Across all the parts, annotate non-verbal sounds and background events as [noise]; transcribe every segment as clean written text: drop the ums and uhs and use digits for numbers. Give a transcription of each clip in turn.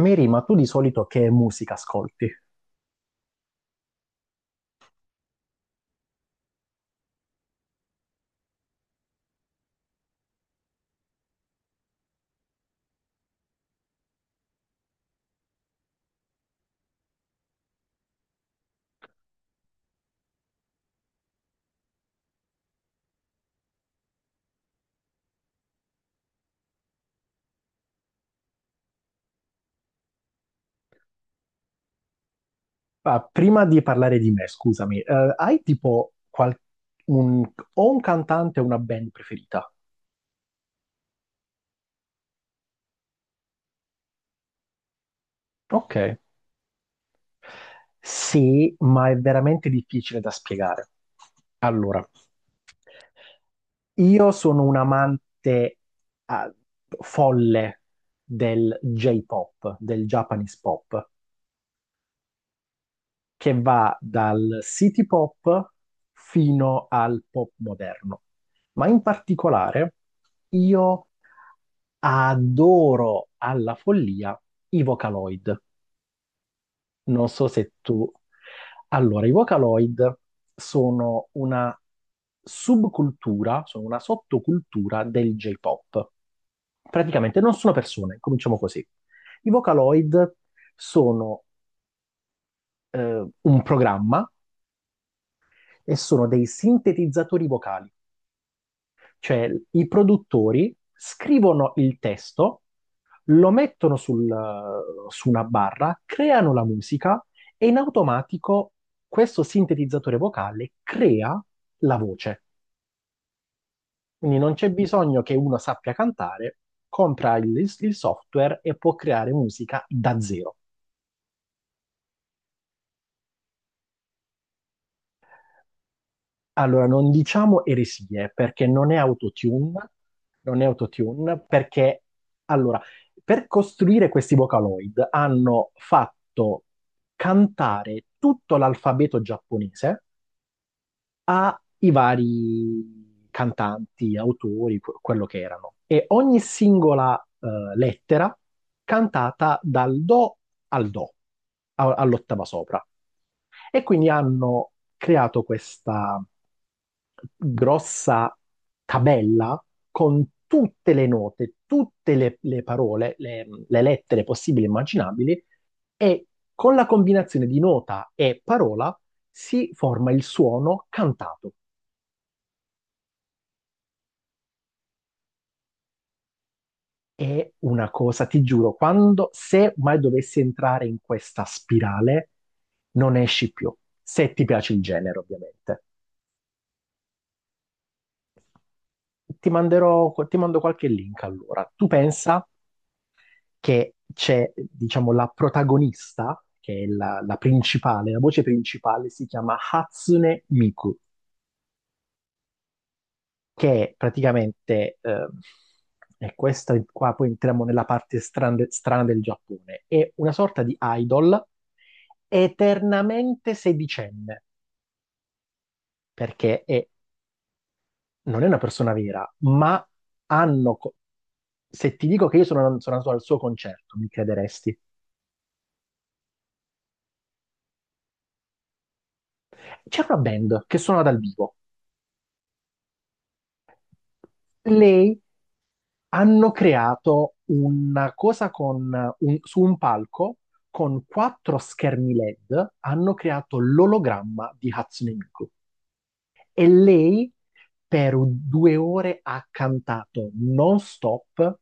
Mary, ma tu di solito che musica ascolti? Ah, prima di parlare di me, scusami, hai tipo qual- un- o un cantante o una band preferita? Ok. Sì, ma è veramente difficile da spiegare. Allora, io sono un amante ah, folle del J-pop, del Japanese pop, che va dal city pop fino al pop moderno. Ma in particolare io adoro alla follia i Vocaloid. Non so se tu... Allora, i Vocaloid sono una sottocultura del J-pop. Praticamente non sono persone, cominciamo così. I Vocaloid sono un programma e sono dei sintetizzatori vocali, cioè i produttori scrivono il testo, lo mettono su una barra, creano la musica e in automatico questo sintetizzatore vocale crea la voce. Quindi non c'è bisogno che uno sappia cantare, compra il software e può creare musica da zero. Allora, non diciamo eresie perché non è autotune, non è autotune perché, allora, per costruire questi Vocaloid hanno fatto cantare tutto l'alfabeto giapponese ai vari cantanti, autori, quello che erano. E ogni singola lettera cantata dal do al do, all'ottava sopra. E quindi hanno creato questa grossa tabella con tutte le note, le parole, le lettere possibili e immaginabili, e con la combinazione di nota e parola si forma il suono cantato. È una cosa, ti giuro, quando se mai dovessi entrare in questa spirale, non esci più, se ti piace il genere, ovviamente. Ti manderò, ti mando qualche link allora. Tu pensa che c'è, diciamo, la protagonista, che è la principale, la voce principale, si chiama Hatsune Miku, che è praticamente, e questa qua poi entriamo nella parte strana del Giappone, è una sorta di idol eternamente sedicenne, perché è- non è una persona vera, ma hanno... co- se ti dico che io sono andato al suo concerto, mi crederesti? C'è una band che suona dal vivo. Lei Hanno creato una cosa con su un palco con quattro schermi LED, hanno creato l'ologramma di Hatsune Miku. E lei per due ore ha cantato non stop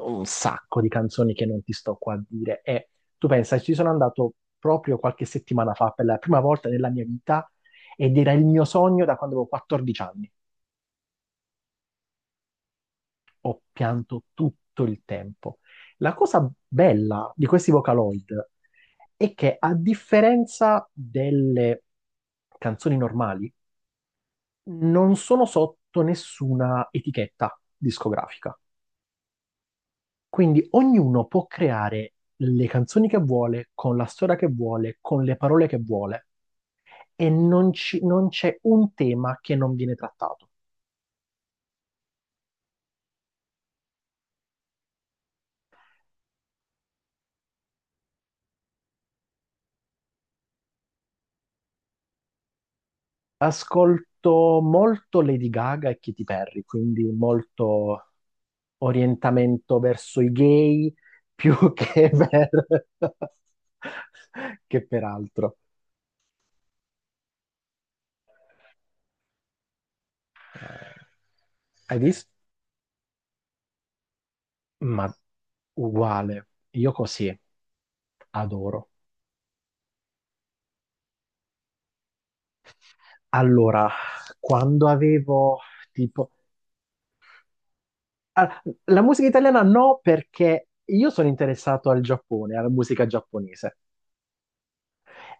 un sacco di canzoni che non ti sto qua a dire. E tu pensa, ci sono andato proprio qualche settimana fa per la prima volta nella mia vita ed era il mio sogno da quando avevo 14 anni. Ho pianto tutto il tempo. La cosa bella di questi Vocaloid è che a differenza delle canzoni normali, non sono sotto nessuna etichetta discografica. Quindi ognuno può creare le canzoni che vuole, con la storia che vuole, con le parole che vuole e non c'è un tema che non viene trattato. Ascolto molto Lady Gaga e Katy Perry, quindi molto orientamento verso i gay più [laughs] che per altro. Eh, hai visto? Ma uguale, io così adoro. Allora, quando avevo tipo... ah, la musica italiana no, perché io sono interessato al Giappone, alla musica giapponese.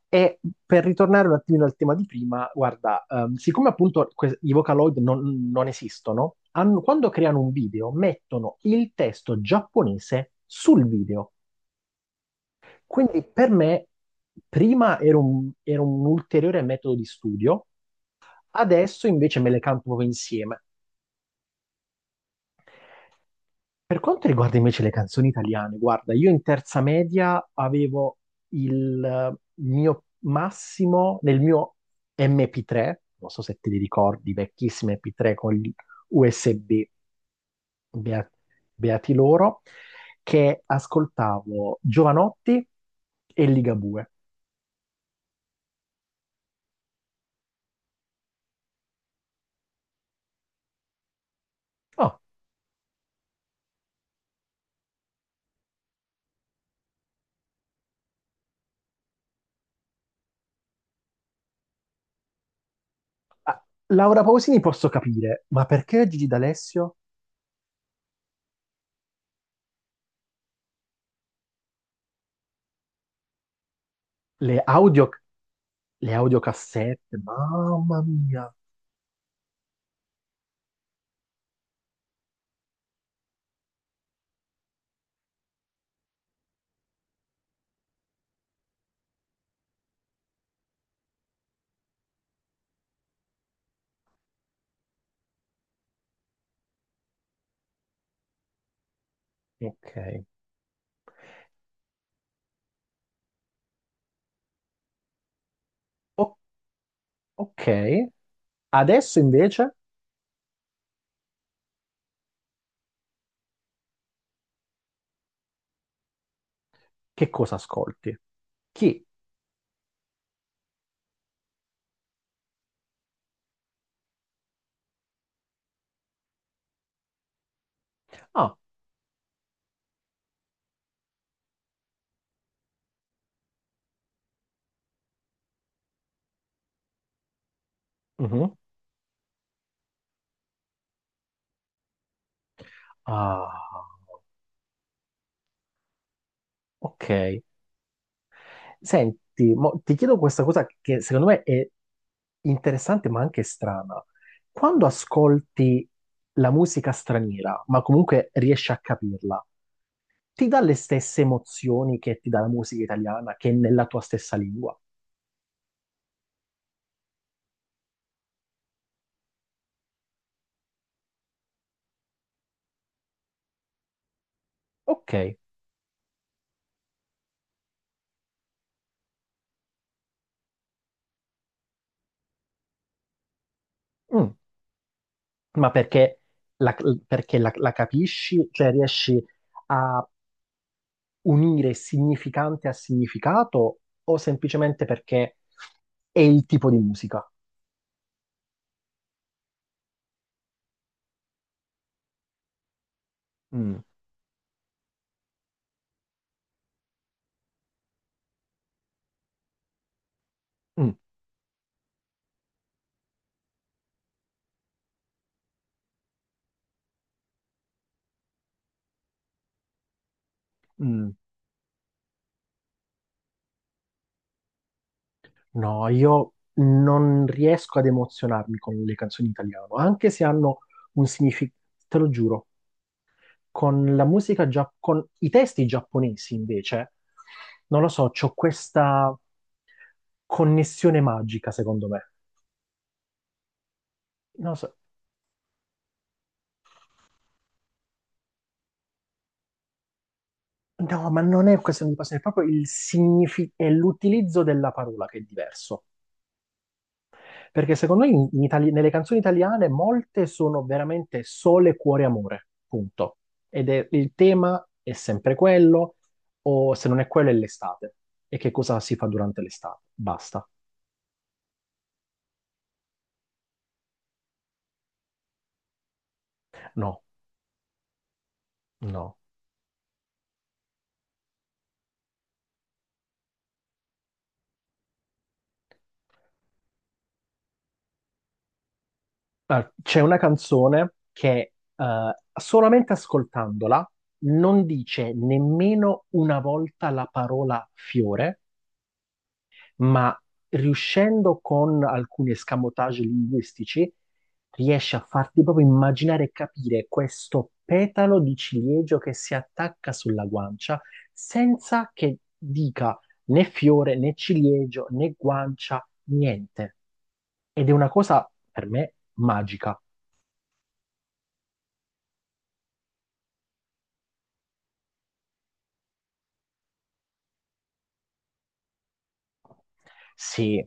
E per ritornare un attimino al tema di prima, guarda, siccome appunto i Vocaloid non esistono, quando creano un video mettono il testo giapponese sul video. Quindi per me prima era era un ulteriore metodo di studio, adesso invece me le canto proprio insieme. Per quanto riguarda invece le canzoni italiane, guarda, io in terza media avevo il mio massimo nel mio MP3, non so se te li ricordi, vecchissime MP3 con gli USB, bea- beati loro, che ascoltavo Giovanotti e Ligabue. Oh, ah, Laura Pausini posso capire, ma perché Gigi D'Alessio? Le audio, le audiocassette, mamma mia. Ok. Ok, adesso invece che cosa ascolti? Chi? Ah, mhm. Ah, ok. Senti, mo ti chiedo questa cosa che secondo me è interessante ma anche strana. Quando ascolti la musica straniera, ma comunque riesci a capirla, ti dà le stesse emozioni che ti dà la musica italiana, che è nella tua stessa lingua? Ok, mm. Ma perché la, perché la capisci? Cioè riesci a unire significante a significato o semplicemente perché è il tipo di musica? Mm. Mm, mm. No, io non riesco ad emozionarmi con le canzoni in italiano, anche se hanno un significato, te lo giuro, con la musica con i testi giapponesi invece, non lo so, c'ho questa connessione magica secondo me. Non lo so. No, ma non è questione di passione, è proprio il è l'utilizzo della parola che è diverso. Perché secondo me nelle canzoni italiane molte sono veramente sole, cuore, amore, punto. Ed è il tema è sempre quello, o se non è quello è l'estate. E che cosa si fa durante l'estate? Basta. No, no. Ah, c'è una canzone che solamente ascoltandola non dice nemmeno una volta la parola fiore, ma riuscendo con alcuni escamotage linguistici, riesce a farti proprio immaginare e capire questo petalo di ciliegio che si attacca sulla guancia senza che dica né fiore, né ciliegio, né guancia, niente. Ed è una cosa per me magica. Sì,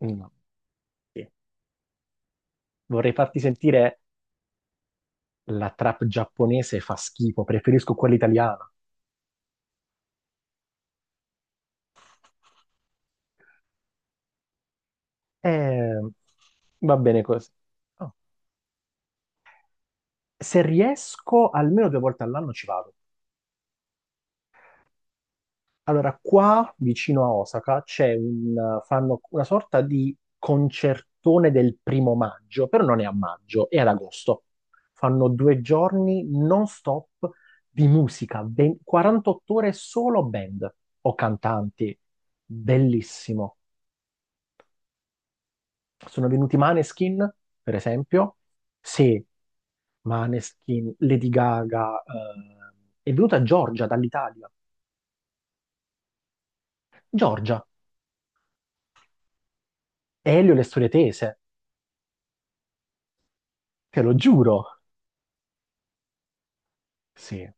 mm, sì. Vorrei farti sentire la trap giapponese fa schifo, preferisco quella italiana. Eh, va bene così. Oh. Se riesco, almeno due volte all'anno ci vado. Allora, qua vicino a Osaka c'è fanno una sorta di concertone del primo maggio, però non è a maggio, è ad agosto. Fanno due giorni non stop di musica, 48 ore solo band o cantanti. Bellissimo. Sono venuti Maneskin, per esempio. Sì, Maneskin, Lady Gaga, è venuta Giorgia dall'Italia. Giorgia, Elio e le storie tese, te lo giuro. Sì.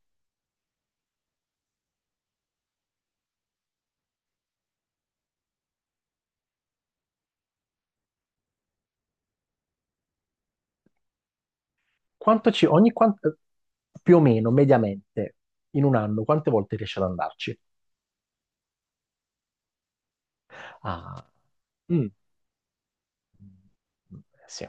Quanto ci, ogni quanto, più o meno, mediamente, in un anno, quante volte riesce ad andarci? Ah, mm. Sì.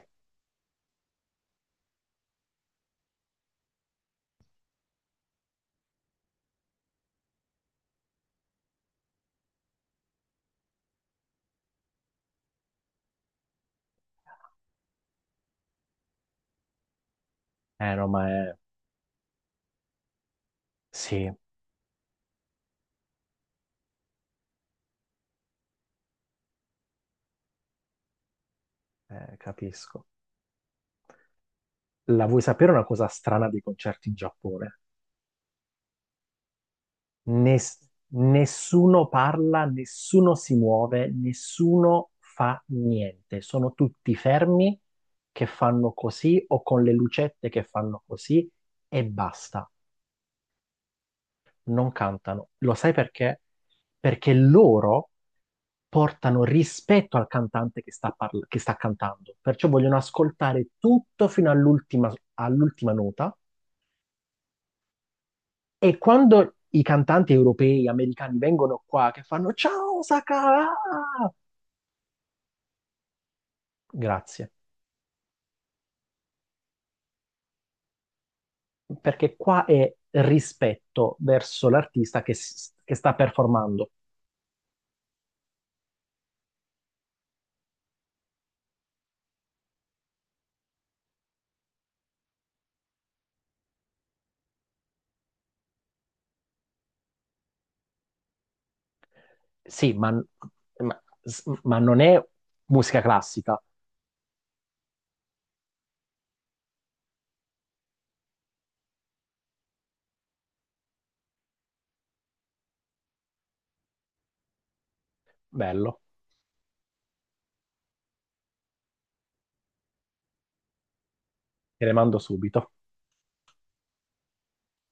Eh no, ma è... Sì, capisco. La vuoi sapere una cosa strana dei concerti in Giappone? Ness- Nessuno parla, nessuno si muove, nessuno fa niente. Sono tutti fermi che fanno così o con le lucette che fanno così e basta, non cantano. Lo sai perché? Perché loro portano rispetto al cantante che che sta cantando, perciò vogliono ascoltare tutto fino all'ultima nota. E quando i cantanti europei, americani vengono qua che fanno "ciao Osaka, ah!", grazie, perché qua è rispetto verso l'artista che sta performando. Sì, ma, ma non è musica classica, bello, te le mando subito.